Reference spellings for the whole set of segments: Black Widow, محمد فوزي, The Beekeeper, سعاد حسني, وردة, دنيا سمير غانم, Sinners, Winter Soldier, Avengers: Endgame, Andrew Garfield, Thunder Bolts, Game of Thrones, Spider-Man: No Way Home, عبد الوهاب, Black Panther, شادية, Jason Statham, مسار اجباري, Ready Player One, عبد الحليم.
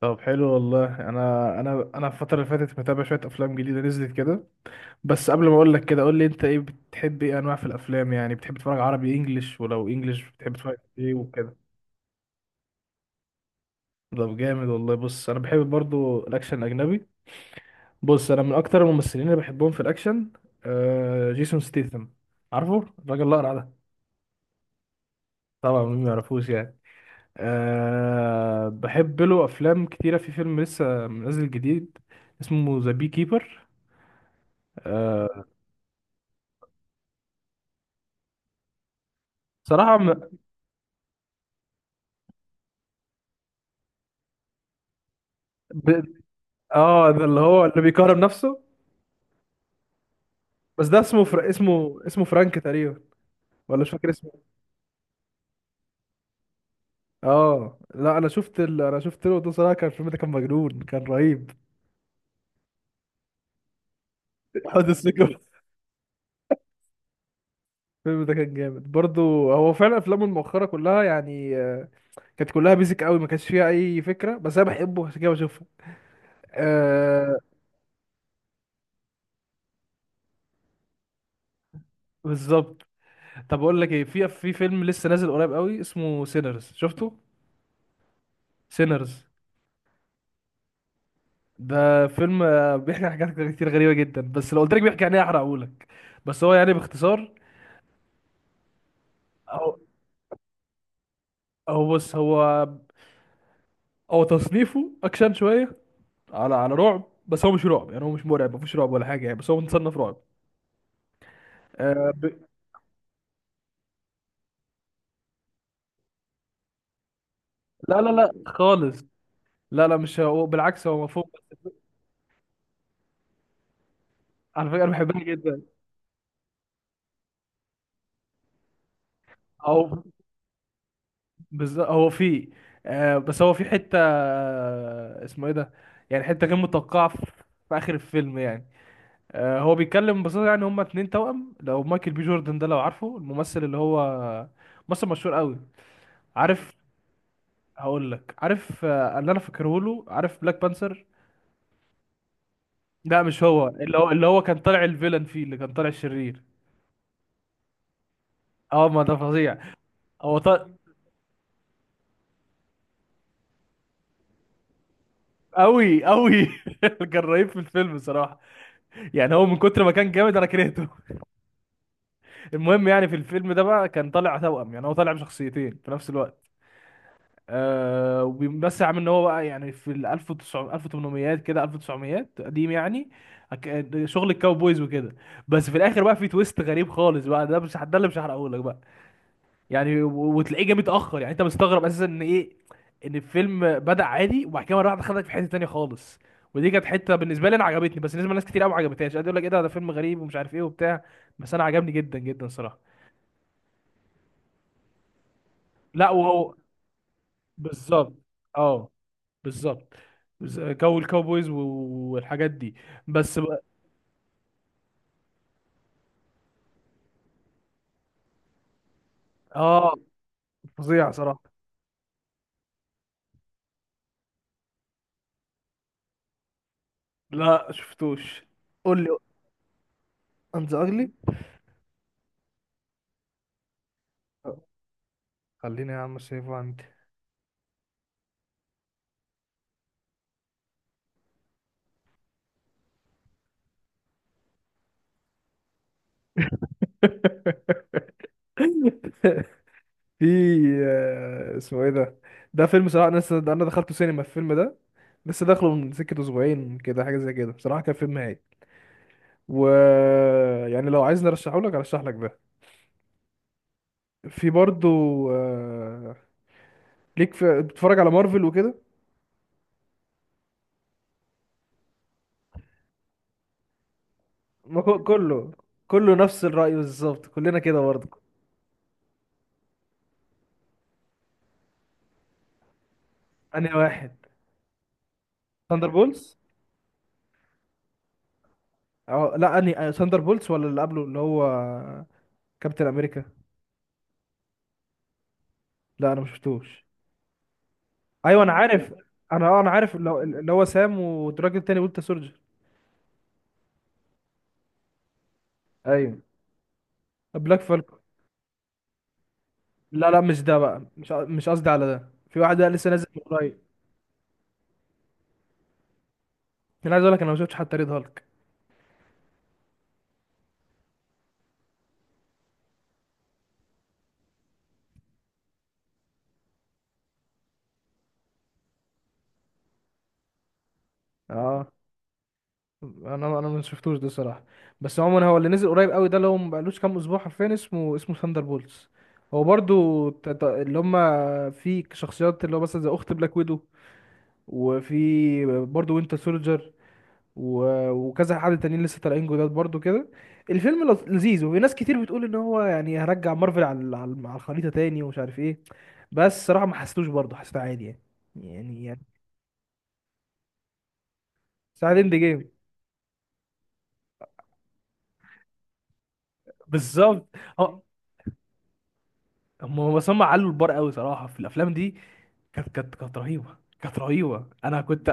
طب حلو والله. انا الفتره اللي فاتت متابع شويه افلام جديده نزلت كده. بس قبل ما اقول لك كده، قول لي انت، ايه بتحب، ايه انواع في الافلام؟ يعني بتحب تتفرج عربي، انجليش؟ ولو انجليش بتحب تتفرج ايه وكده؟ طب جامد والله. بص انا بحب برضو الاكشن الاجنبي. بص انا من اكتر الممثلين اللي بحبهم في الاكشن آه جيسون ستيثم. عارفه الراجل الاقرع ده؟ طبعا مين ما يعرفوش يعني. آه بحب له افلام كتيره. في فيلم لسه نازل جديد اسمه ذا بي كيبر. آه صراحة ب... اه ده اللي هو اللي بيكرم نفسه. بس ده اسمه فر... اسمه اسمه فرانك تقريبا، ولا مش فاكر اسمه. اه لا انا شفت ال... انا شفت له ده صراحه. كان الفيلم ده كان مجنون، كان رهيب. حد السجن. الفيلم ده كان جامد برضو. هو فعلا افلامه المؤخره كلها يعني كانت كلها بيزك قوي، ما كانش فيها اي فكره، بس انا بحبه عشان كده بشوفه. آه. بالظبط. طب اقول لك ايه، في في فيلم لسه نازل قريب قوي اسمه سينرز. شفته؟ سينرز. ده فيلم بيحكي عن حاجات كتير غريبة جدا، بس لو قلت لك بيحكي عن ايه هحرقهولك. بس هو يعني باختصار، هو هو بص، هو تصنيفه اكشن شوية على على رعب، بس هو مش رعب يعني، هو مش مرعب، مفيش رعب ولا حاجة يعني، بس هو متصنف رعب. آه ب... لا لا لا خالص. لا لا مش هو، بالعكس هو مفهوم. على فكرة انا بحبها جدا. او بز... هو فيه آه، بس هو في حتة اسمه ايه ده، يعني حتة غير متوقعة في في اخر الفيلم يعني. هو بيتكلم ببساطة يعني، هما 2 توأم. لو مايكل بي جوردن ده لو عارفه، الممثل اللي هو ممثل مشهور قوي. عارف؟ هقول لك، عارف اللي انا فاكره له، عارف بلاك بانثر؟ لا مش هو، اللي هو اللي هو كان طالع الفيلن فيه، اللي كان طالع الشرير. اه ما ده فظيع. هو طا... قوي قوي. كان رهيب في الفيلم صراحة. يعني هو من كتر ما كان جامد انا كرهته. المهم يعني في الفيلم ده بقى كان طالع توأم، يعني هو طالع بشخصيتين في نفس الوقت. آه، وبس عم ان هو بقى يعني في ال 1900 1800 كده 1900 قديم يعني. أك- شغل الكاوبويز وكده. بس في الاخر بقى في تويست غريب خالص بقى، ده مش ده اللي مش هحرقه لك بقى. يعني و- وتلاقيه جه متاخر، يعني انت مستغرب اساسا ان ايه، ان الفيلم بدا عادي وبعد كده مره واحده خدك في حته تانيه خالص. ودي كانت حته بالنسبه لي انا عجبتني، بس بالنسبه لناس كتير قوي ما عجبتهاش، قاعد يقول لك ايه ده، ده فيلم غريب ومش عارف ايه وبتاع. بس انا عجبني جدا جدا صراحه. لا وهو بالظبط. اه بالظبط. بز- جو الكاوبويز و- والحاجات دي. بس بقى اه فظيع صراحة. لا شفتوش، قول لي انت. اغلي. خليني يا عم سيفه عندي. في اسمه ايه ده، ده فيلم صراحة انا لسه- ده انا دخلته سينما الفيلم ده. لسه داخله من سكة أسبوعين كده، حاجة زي كده. بصراحة كان فيلم هايل. و يعني لو عايزني ارشحه لك ارشح لك ده. في برضو آه، ليك، في بتتفرج على مارفل وكده؟ ما هو كله، كله نفس الرأي بالظبط، كلنا كده برضه. انهي واحد؟ ثاندر بولز. اه لا، انهي ثاندر بولز ولا اللي قبله اللي هو كابتن امريكا؟ لا انا ما شفتوش. ايوه انا عارف. انا عارف، اللي هو اللي هو سام، والراجل التاني ويلتا سولجر. ايوه بلاك فالكون. لا لا مش ده بقى، مش مش قصدي على ده. في واحد بقى لسه نازل من قريب. انا عايز اقول لك انا ما شفتش حتى ريد هالك. اه انا ما شفتوش ده صراحه. بس عموما هو اللي نزل قريب قوي ده اللي هو ما بقالوش كام اسبوع حرفيا، اسمه اسمه ثاندر بولتس. هو برضو ت- ت- اللي هم في شخصيات، اللي هو مثلا زي اخت بلاك ويدو، وفي برضو وينتر سولجر، و- وكذا حد تانيين لسه طالعين جداد برضو كده. الفيلم لط- لذيذ، وفي ناس كتير بتقول ان هو يعني هرجع مارفل على ال- على ال- على الخريطه تاني ومش عارف ايه. بس صراحه ما حسيتوش، برضو حسيته عادي يعني. يعني ساعه اند جيم بالظبط. هو، هم علوا البار قوي صراحه في الافلام دي. كانت رهيبه، كانت رهيبه. انا كنت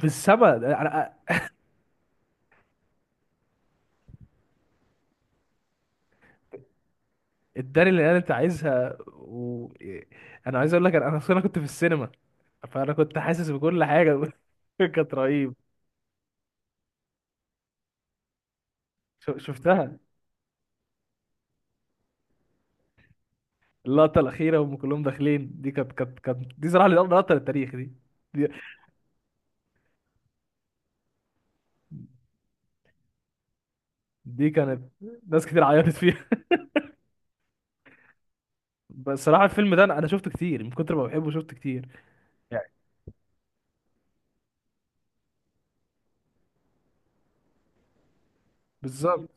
في السما انا. اداني اللي انا انت عايزها و... إيه، انا عايز اقول لك انا، انا أصلاً كنت في السينما، فانا كنت حاسس بكل حاجه. كانت رهيب. شو- شفتها، اللقطه الاخيره وهم كلهم داخلين دي، كانت دي صراحه لقطه للتاريخ دي. دي, دي كانت ناس كتير عيطت فيها. بس صراحه الفيلم ده انا، أنا شفته كتير، من كتر ما بحبه شفته كتير. يعني بالظبط.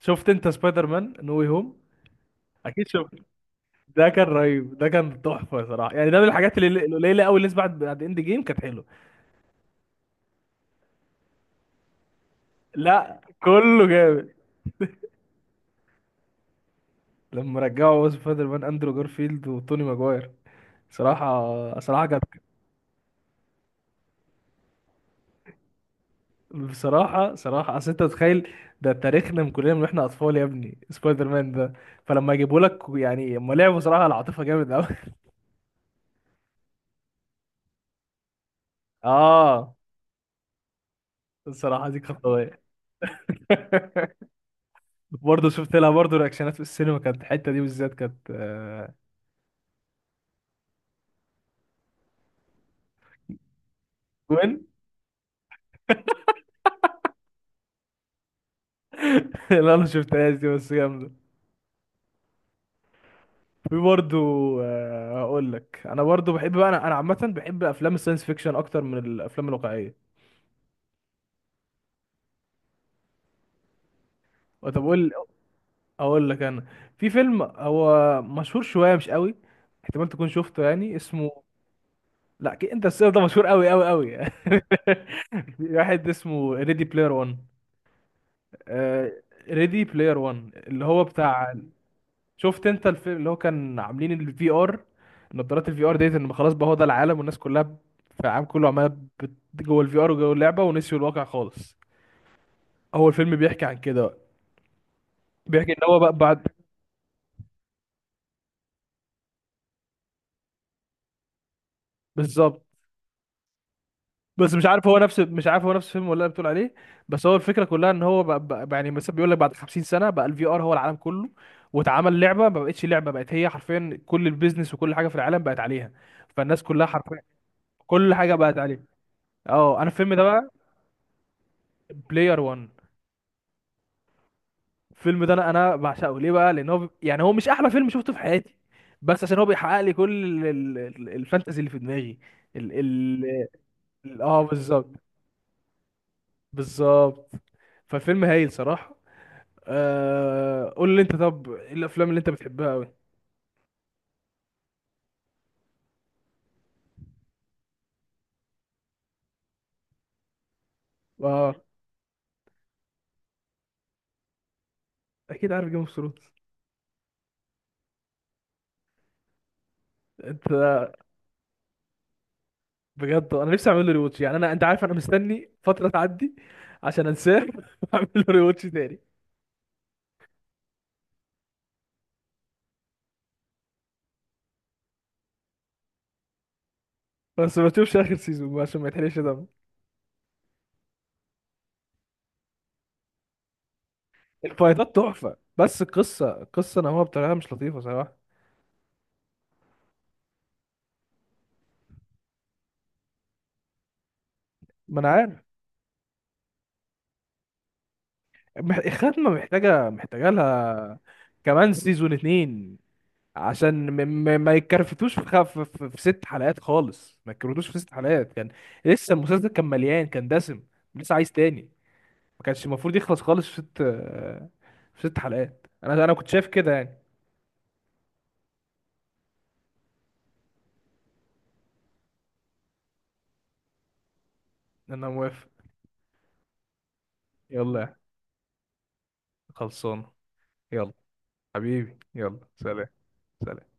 شفت انت سبايدر مان نو واي هوم؟ اكيد شفت. ده كان رهيب، ده كان تحفه صراحه يعني. ده من الحاجات اللي القليله قوي اللي لسه بعد بعد اند جيم كانت حلوه. لا كله جامد. لما رجعوا ويز سبايدر مان اندرو جارفيلد وتوني ماجواير، صراحه صراحه كانت، بصراحه صراحه. اصل انت تتخيل، ده تاريخنا من كلنا، من واحنا اطفال يا ابني سبايدر مان ده. فلما يجيبوا لك يعني، هم لعبوا صراحه العاطفه جامد قوي. اه الصراحه دي كانت قويه. برضه شفت لها برضه رياكشنات في السينما، كانت الحته دي بالذات كانت جوين. اللي انا شفتهاش دي، بس جامده. في برضه هقول لك، انا برضه بحب بقى، انا عامه بحب افلام الساينس فيكشن اكتر من الافلام الواقعيه. طب اقول لك انا في فيلم هو مشهور شويه مش قوي، احتمال تكون شفته يعني اسمه، لا أكيد انت السيف ده مشهور قوي قوي قوي. في واحد اسمه ريدي بلاير 1. ريدي بلاير 1 اللي هو بتاع، شفت انت الفيلم اللي هو كان عاملين الفي ار، نظارات الفي ار ديت ان خلاص بقى هو ده العالم، والناس كلها ب- في العالم كله عماله بت- جوه الفي ار وجوه اللعبه، ونسيوا الواقع خالص. هو الفيلم بيحكي عن كده بقى. بيحكي ان هو بقى بعد، بالظبط. بس مش عارف هو نفس، مش عارف هو نفس الفيلم ولا اللي بتقول عليه. بس هو الفكره كلها ان هو بقى بقى يعني مثلا بيقول لك بعد 50 سنه بقى الفي ار هو العالم كله، واتعمل لعبه ما بقتش لعبه، بقت هي حرفيا كل البيزنس وكل حاجه في العالم بقت عليها، فالناس كلها حرفيا كل حاجه بقت عليه. اه انا الفيلم ده بقى بلاير 1، الفيلم ده انا بعشقه ليه بقى، لان هو بي- يعني هو مش احلى فيلم شفته في حياتي، بس عشان هو بيحقق لي كل ال- ال- ال- الفانتازي اللي في دماغي. ال ال- اه بالظبط. بالظبط. فالفيلم هايل صراحة. آه قول لي انت، طب ايه الافلام اللي انت بتحبها قوي؟ اه اكيد عارف جيم اوف ثرونز انت. بجد انا نفسي اعمل له ريواتش يعني. انا انت عارف انا مستني فترة تعدي عشان انساه، واعمل له ريواتش تاني. بس ما تشوفش اخر سيزون عشان ما يتحرقش دم. الفايتات تحفة، بس القصة، القصة نوعها بطريقة مش لطيفة صراحة. ما انا عارف. مح- الخاتمة محتاجة لها كمان سيزون 2، عشان م م ما يتكرفتوش في, خف في 6 حلقات خالص. ما يتكرفتوش في 6 حلقات، كان لسه المسلسل كان مليان، كان دسم، لسه عايز تاني. ما كانش المفروض يخلص خالص في 6، في ست حلقات. انا كنت شايف كده يعني. انا موافق. يلا خلصانه. يلا حبيبي، يلا سلام. سلام.